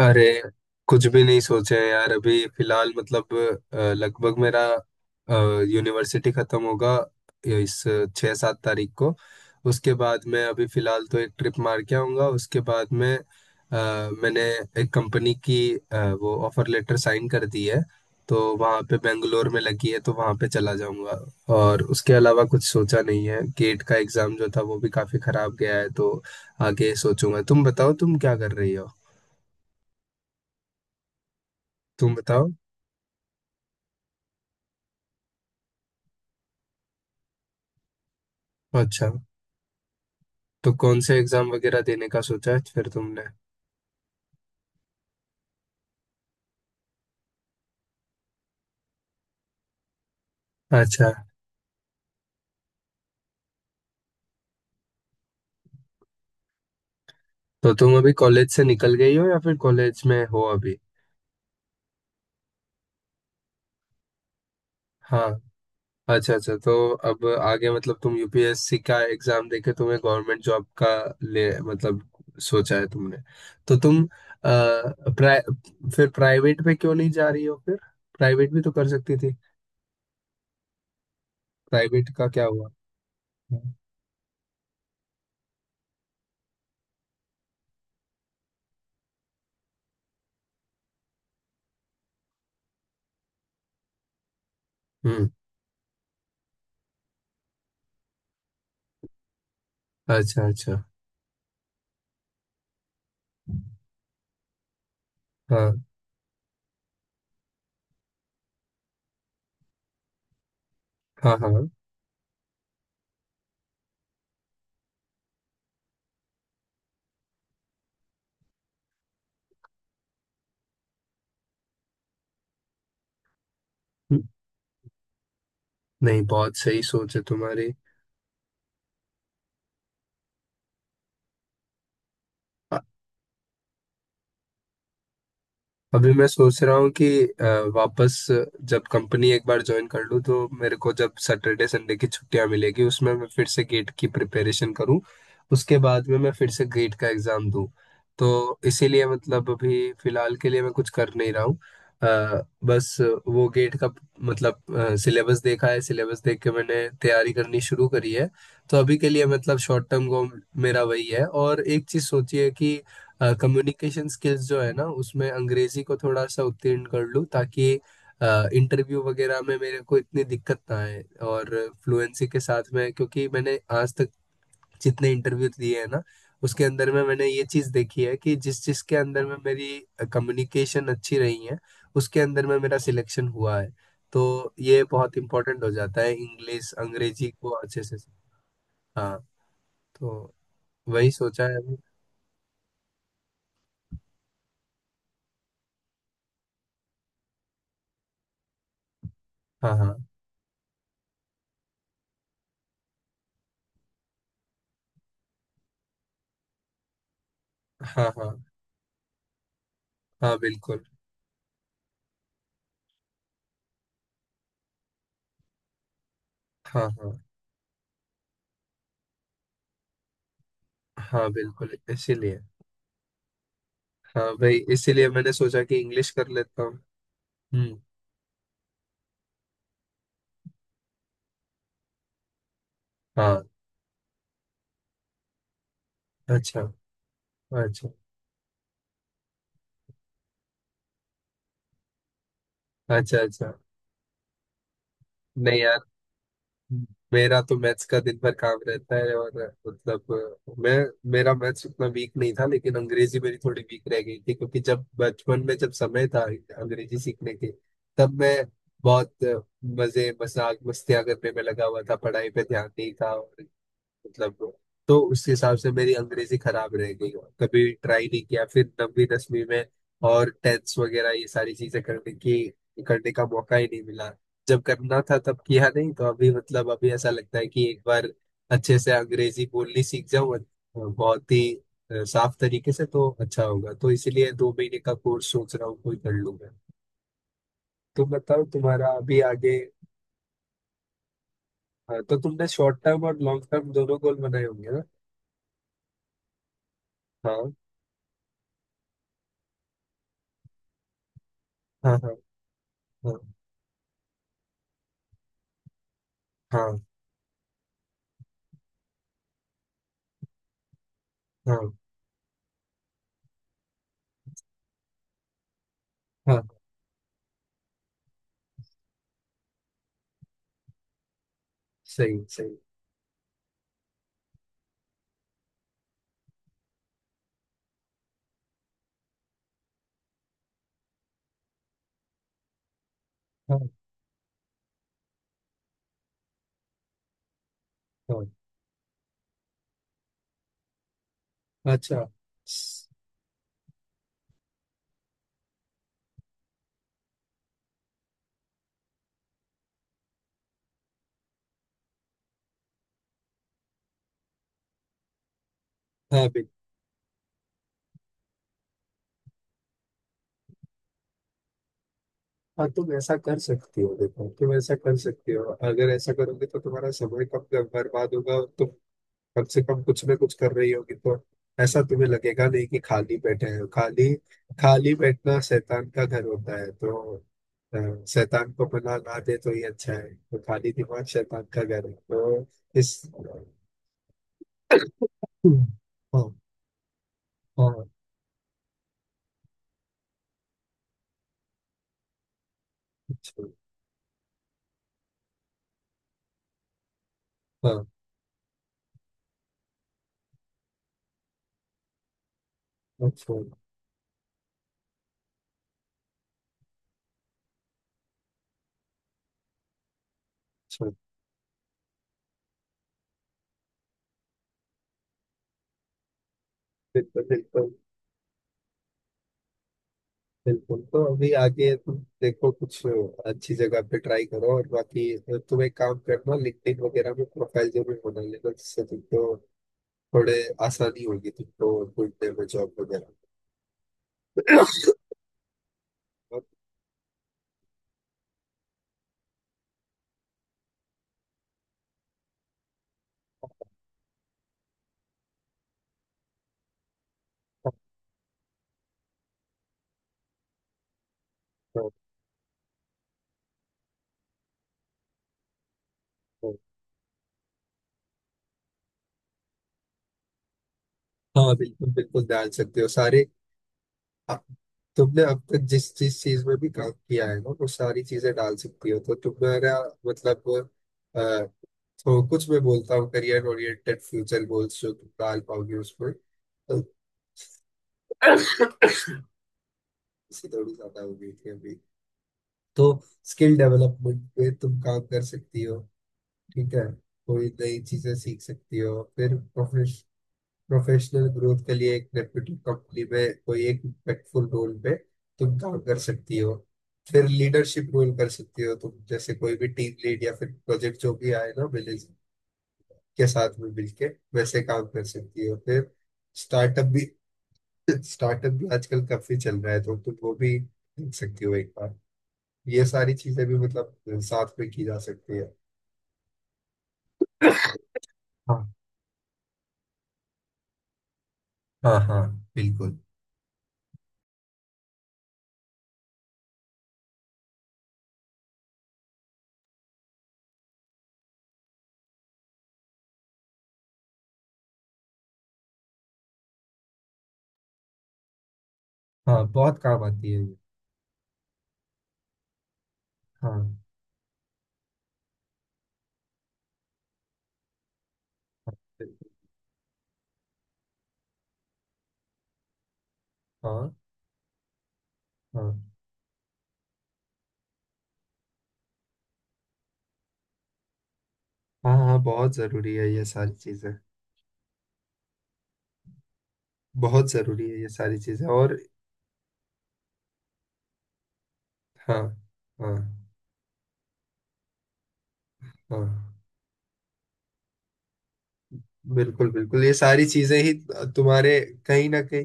अरे कुछ भी नहीं सोचे हैं यार। अभी फिलहाल मतलब लगभग मेरा यूनिवर्सिटी खत्म होगा इस 6-7 तारीख को। उसके बाद मैं अभी फिलहाल तो एक ट्रिप मार के आऊँगा। उसके बाद में मैंने एक कंपनी की वो ऑफर लेटर साइन कर दी है। तो वहाँ पे बेंगलोर में लगी है, तो वहाँ पे चला जाऊँगा। और उसके अलावा कुछ सोचा नहीं है। गेट का एग्ज़ाम जो था वो भी काफ़ी ख़राब गया है, तो आगे सोचूंगा। तुम बताओ, तुम क्या कर रही हो? तुम बताओ। अच्छा। तो कौन से एग्जाम वगैरह देने का सोचा है फिर तुमने? अच्छा। तो तुम अभी कॉलेज से निकल गई हो या फिर कॉलेज में हो अभी? हाँ। अच्छा अच्छा। तो अब आगे मतलब तुम यूपीएससी का एग्जाम देके तुम्हें गवर्नमेंट जॉब का ले मतलब सोचा है तुमने? तो तुम प्राइ, फिर प्राइवेट में क्यों नहीं जा रही हो फिर? प्राइवेट भी तो कर सकती थी। प्राइवेट का क्या हुआ? हम्म। अच्छा अच्छा। हाँ हाँ हाँ, नहीं, बहुत सही सोच है तुम्हारी। अभी मैं सोच रहा हूँ कि वापस जब कंपनी एक बार ज्वाइन कर लूँ तो मेरे को जब सैटरडे संडे की छुट्टियाँ मिलेगी उसमें मैं फिर से गेट की प्रिपरेशन करूँ। उसके बाद में मैं फिर से गेट का एग्ज़ाम दूँ। तो इसीलिए मतलब अभी फिलहाल के लिए मैं कुछ कर नहीं रहा हूँ। बस वो गेट का मतलब सिलेबस देखा है। सिलेबस देख के मैंने तैयारी करनी शुरू करी है। तो अभी के लिए मतलब शॉर्ट टर्म गोल मेरा वही है। और एक चीज़ सोचिए कि कम्युनिकेशन स्किल्स जो है ना उसमें अंग्रेजी को थोड़ा सा उत्तीर्ण कर लूँ, ताकि इंटरव्यू वगैरह में मेरे को इतनी दिक्कत ना आए। और फ्लुएंसी के साथ में, क्योंकि मैंने आज तक जितने इंटरव्यू दिए हैं ना, उसके अंदर में मैंने ये चीज देखी है कि जिस जिस के अंदर में मेरी कम्युनिकेशन अच्छी रही है, उसके अंदर में मेरा सिलेक्शन हुआ है। तो ये बहुत इम्पोर्टेंट हो जाता है इंग्लिश अंग्रेजी को अच्छे से। हाँ। तो वही सोचा है अभी। हाँ हाँ हाँ हाँ हाँ बिल्कुल। हाँ हाँ हाँ, बिल्कुल इसीलिए। हाँ भाई, इसीलिए मैंने सोचा कि इंग्लिश कर लेता हूँ। हम्म। हाँ। अच्छा अच्छा। अच्छा अच्छा। नहीं यार, मेरा तो मैथ्स का दिन भर काम रहता है। और मतलब मैं मेरा मैथ्स उतना वीक नहीं था, लेकिन अंग्रेजी मेरी थोड़ी वीक रह गई थी। क्योंकि जब बचपन में जब समय था अंग्रेजी सीखने के, तब मैं बहुत मजे मजाक मस्तियां करने में लगा हुआ था। पढ़ाई पे ध्यान नहीं था। और मतलब तो उस हिसाब से मेरी अंग्रेजी खराब रह गई और कभी ट्राई नहीं किया फिर नवीं दसवीं में। और टेंस वगैरह ये सारी चीजें करने की करने का मौका ही नहीं मिला। जब करना था तब किया नहीं। तो अभी मतलब अभी ऐसा लगता है कि एक बार अच्छे से अंग्रेजी बोलनी सीख जाऊं, बहुत ही साफ तरीके से, तो अच्छा होगा। तो इसीलिए 2 महीने का कोर्स सोच रहा हूँ, कोई कर लूंगा। तुम बताओ तुम्हारा अभी आगे तो तुमने शॉर्ट टर्म और लॉन्ग टर्म दोनों गोल बनाए होंगे ना? हाँ हाँ हाँ हाँ हाँ हाँ हाँ। सही सही। हाँ हाँ। अच्छा। स- हाँ भी। हाँ, तुम ऐसा कर सकती हो, देखो तुम ऐसा कर सकती हो। अगर ऐसा करोगे तो तुम्हारा समय कम कम बर्बाद होगा और तुम कम से कम कुछ ना कुछ कर रही होगी, तो ऐसा तुम्हें लगेगा नहीं कि खाली बैठे हैं। खाली खाली बैठना शैतान का घर होता है, तो शैतान को पनाह ना दे, तो ये अच्छा है। तो खाली दिमाग शैतान का घर है। तो इस। हम्म। हाँ हाँ। अच्छा। हाँ। अच्छा अच्छा। बिल्कुल बिल्कुल। बिल्कुल तो अभी आगे तुम देखो कुछ अच्छी जगह पे ट्राई करो। और बाकी तुम एक काम करना, लिंक्डइन वगैरह में प्रोफाइल जरूर बना लेना, जिससे तुमको थोड़े आसानी होगी तुमको ढूंढने में जॉब वगैरह। और- हाँ हाँ, हाँ, बिल्कुल बिल्कुल डाल सकते हो सारे। आप- तुमने अब तक जिस जिस चीज में भी काम किया है ना वो सारी चीजें डाल सकती हो, तो तुम्हारा मतलब अ, तो कुछ मैं बोलता हूँ करियर ओरिएंटेड फ्यूचर गोल्स जो तुम डाल पाओगे उसमें। तो इससे थोड़ी ज्यादा हो गई थी अभी। तो स्किल डेवलपमेंट पे तुम काम कर सकती हो। ठीक है। कोई नई चीजें सीख सकती हो। फिर प्रोफेशनल ग्रोथ के लिए एक रेप्यूटेड कंपनी में कोई एक इम्पैक्टफुल रोल पे तुम काम कर सकती हो। फिर लीडरशिप रोल कर सकती हो तुम, जैसे कोई भी टीम लीड या फिर प्रोजेक्ट जो भी आए ना विलेज के साथ में मिलके, वैसे काम कर सकती हो। फिर स्टार्टअप भी। स्टार्टअप भी आजकल काफी चल रहा है, तो तुम वो भी देख सकती हो एक बार। ये सारी चीजें भी मतलब साथ में की जा सकती है। हाँ हाँ हाँ बिल्कुल। हाँ बहुत काम आती है ये। हाँ बिल्कुल, हाँ हाँ हाँ। हाँ बहुत जरूरी है ये सारी चीजें। बहुत जरूरी है ये सारी चीजें। और हाँ हाँ हाँ, बिल्कुल बिल्कुल, ये सारी चीजें ही तुम्हारे कहीं ना कहीं,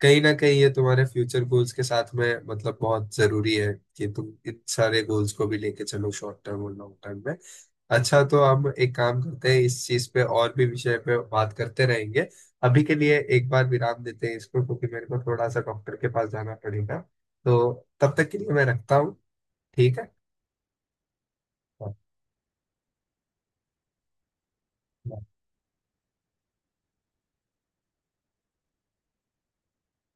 कहीं ना कहीं ये तुम्हारे फ्यूचर गोल्स के साथ में मतलब बहुत जरूरी है, कि तुम इन सारे गोल्स को भी लेके चलो शॉर्ट टर्म और लॉन्ग टर्म में। अच्छा, तो हम एक काम करते हैं, इस चीज पे और भी विषय पे बात करते रहेंगे। अभी के लिए एक बार विराम देते हैं इसको, क्योंकि मेरे को थोड़ा सा डॉक्टर के पास जाना पड़ेगा। तो तब तक के लिए मैं रखता हूँ। ठीक है। हाँ, बाय।